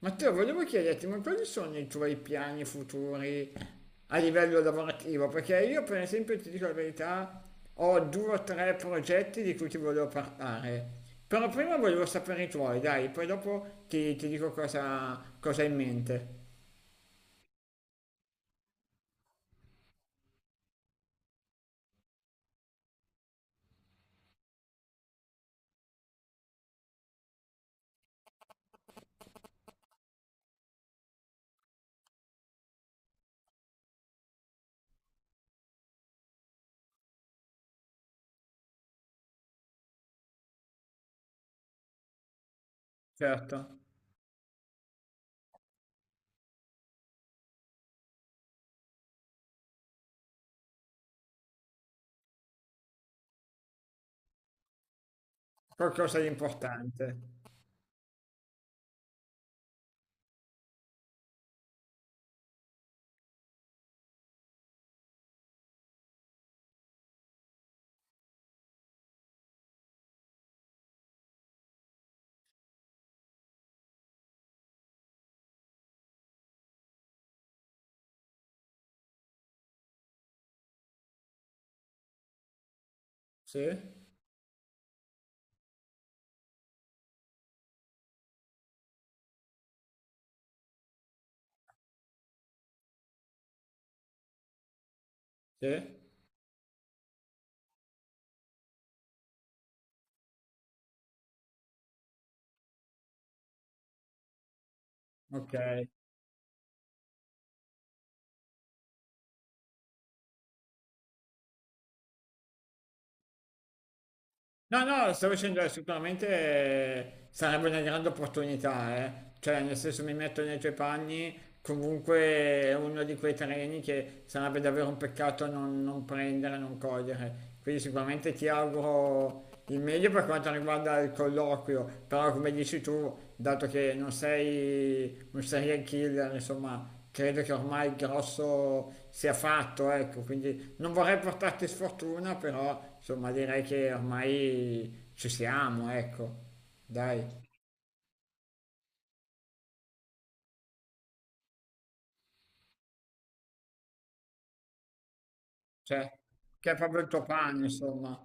Matteo, volevo chiederti, ma quali sono i tuoi piani futuri a livello lavorativo? Perché io, per esempio, ti dico la verità, ho due o tre progetti di cui ti volevo parlare. Però prima volevo sapere i tuoi, dai, poi dopo ti dico cosa hai in mente. Certo, qualcosa di importante. Sì? Sì? Ok. No, no, stavo dicendo, sicuramente, sarebbe una grande opportunità, eh. Cioè, nel senso mi metto nei tuoi panni, comunque è uno di quei treni che sarebbe davvero un peccato non prendere, non cogliere. Quindi sicuramente ti auguro il meglio per quanto riguarda il colloquio, però come dici tu, dato che non sei un serial killer, insomma, credo che ormai il grosso sia fatto, ecco, quindi non vorrei portarti sfortuna, però insomma direi che ormai ci siamo, ecco, dai, cioè, che è proprio il tuo pane, insomma.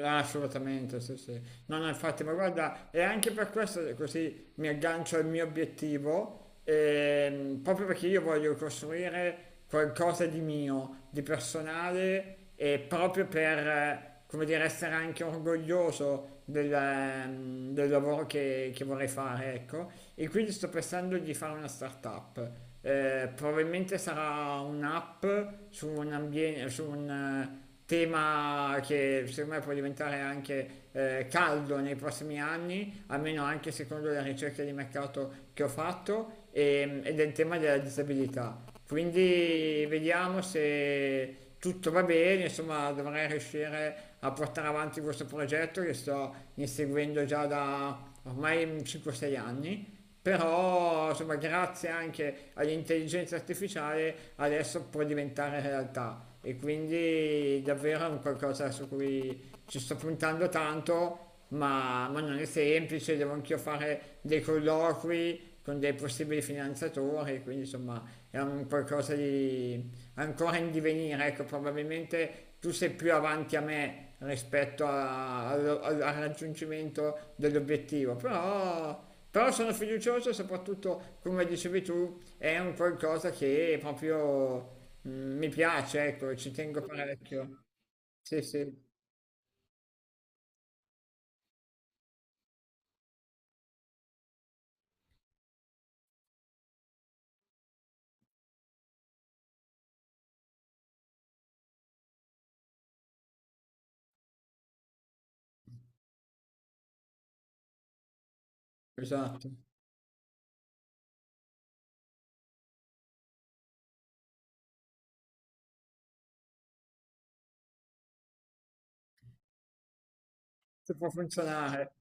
Ah, assolutamente, sì, sì. No, no, infatti, ma guarda, è anche per questo che così mi aggancio al mio obiettivo, proprio perché io voglio costruire qualcosa di mio, di personale, e proprio per, come dire, essere anche orgoglioso del, del lavoro che vorrei fare, ecco. E quindi sto pensando di fare una startup. Probabilmente sarà un'app su un ambiente, su un tema che secondo me può diventare anche, caldo nei prossimi anni, almeno anche secondo le ricerche di mercato che ho fatto, ed è il tema della disabilità. Quindi vediamo se tutto va bene, insomma dovrei riuscire a portare avanti questo progetto che sto inseguendo già da ormai 5-6 anni, però insomma grazie anche all'intelligenza artificiale adesso può diventare realtà e quindi davvero è un qualcosa su cui ci sto puntando tanto, ma non è semplice, devo anch'io fare dei colloqui con dei possibili finanziatori, quindi insomma è un qualcosa di ancora in divenire, ecco, probabilmente tu sei più avanti a me rispetto al raggiungimento dell'obiettivo, però, però sono fiducioso e soprattutto, come dicevi tu, è un qualcosa che proprio mi piace, ecco, ci tengo parecchio. Sì, sì, esatto, se può funzionare,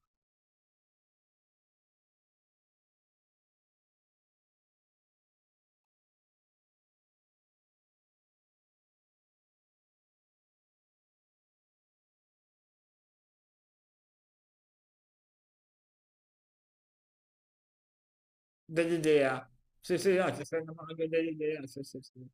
dell'idea. Sì, sì, no, ti stai innamorando dell'idea, sì, sì, sì.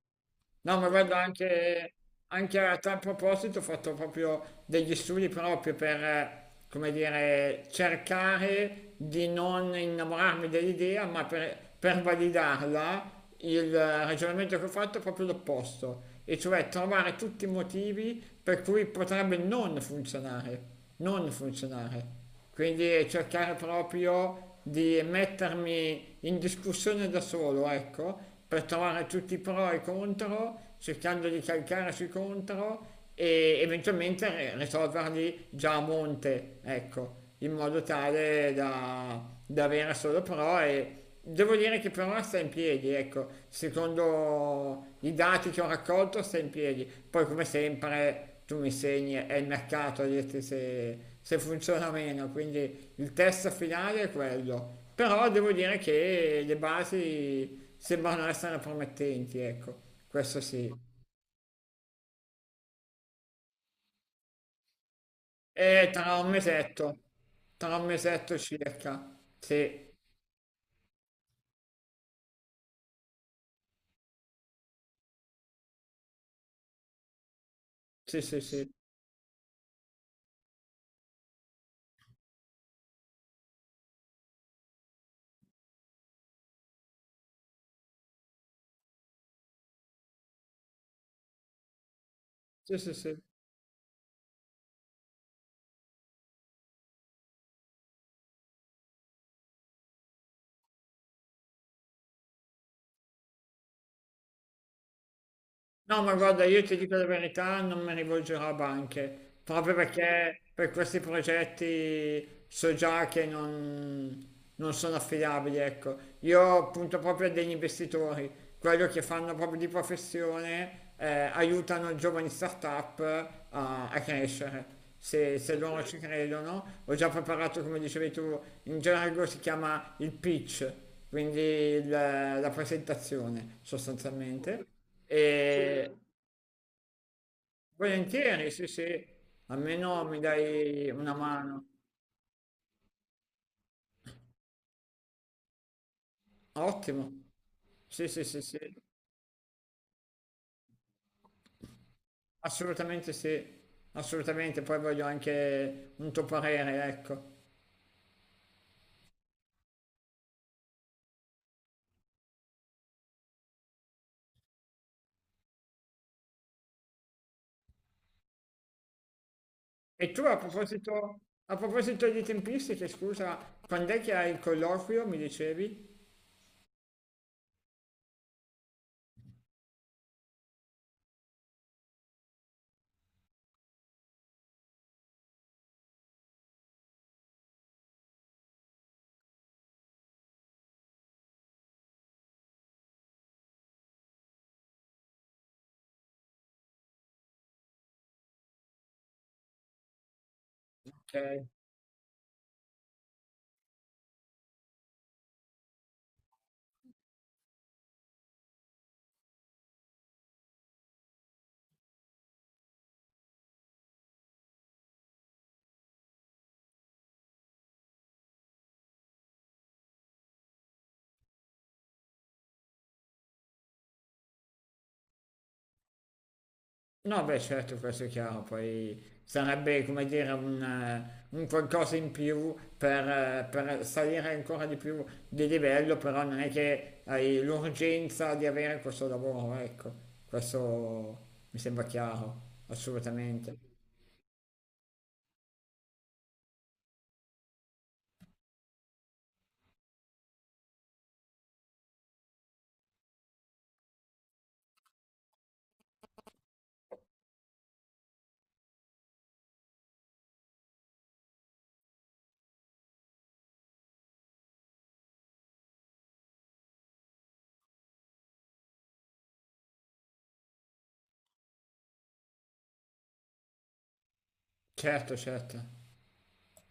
No, ma guarda, anche, anche a tal proposito ho fatto proprio degli studi proprio per, come dire, cercare di non innamorarmi dell'idea, ma per validarla. Il, ragionamento che ho fatto è proprio l'opposto, e cioè trovare tutti i motivi per cui potrebbe non funzionare, non funzionare, quindi cercare proprio di mettermi in discussione da solo, ecco, per trovare tutti i pro e i contro, cercando di calcare sui contro e eventualmente risolverli già a monte, ecco, in modo tale da avere solo pro. E devo dire che per ora sta in piedi, ecco, secondo i dati che ho raccolto sta in piedi, poi come sempre tu mi segni, è il mercato a dirti se funziona o meno, quindi il test finale è quello. Però devo dire che le basi sembrano essere promettenti, ecco, questo sì. E tra un mesetto circa, sì, sì, sì, sì, sì, sì, sì. No, ma guarda, io ti dico la verità, non mi rivolgerò a banche, proprio perché per questi progetti so già che non, non sono affidabili, ecco. Io punto proprio a degli investitori, quello che fanno proprio di professione, aiutano giovani startup a crescere. Se loro ci credono, ho già preparato, come dicevi tu, in gergo si chiama il pitch, quindi la presentazione sostanzialmente. E volentieri, sì, sì, almeno mi dai una mano. Ottimo. Sì, sì, sì, sì, assolutamente sì, assolutamente. Poi voglio anche un tuo parere, ecco. E tu a proposito di tempistiche, scusa, quando è che hai il colloquio, mi dicevi? Ok. No, beh, certo, questo è chiaro, poi sarebbe, come dire, un qualcosa in più per salire ancora di più di livello, però non è che hai l'urgenza di avere questo lavoro, ecco, questo mi sembra chiaro, assolutamente. Certo, certo.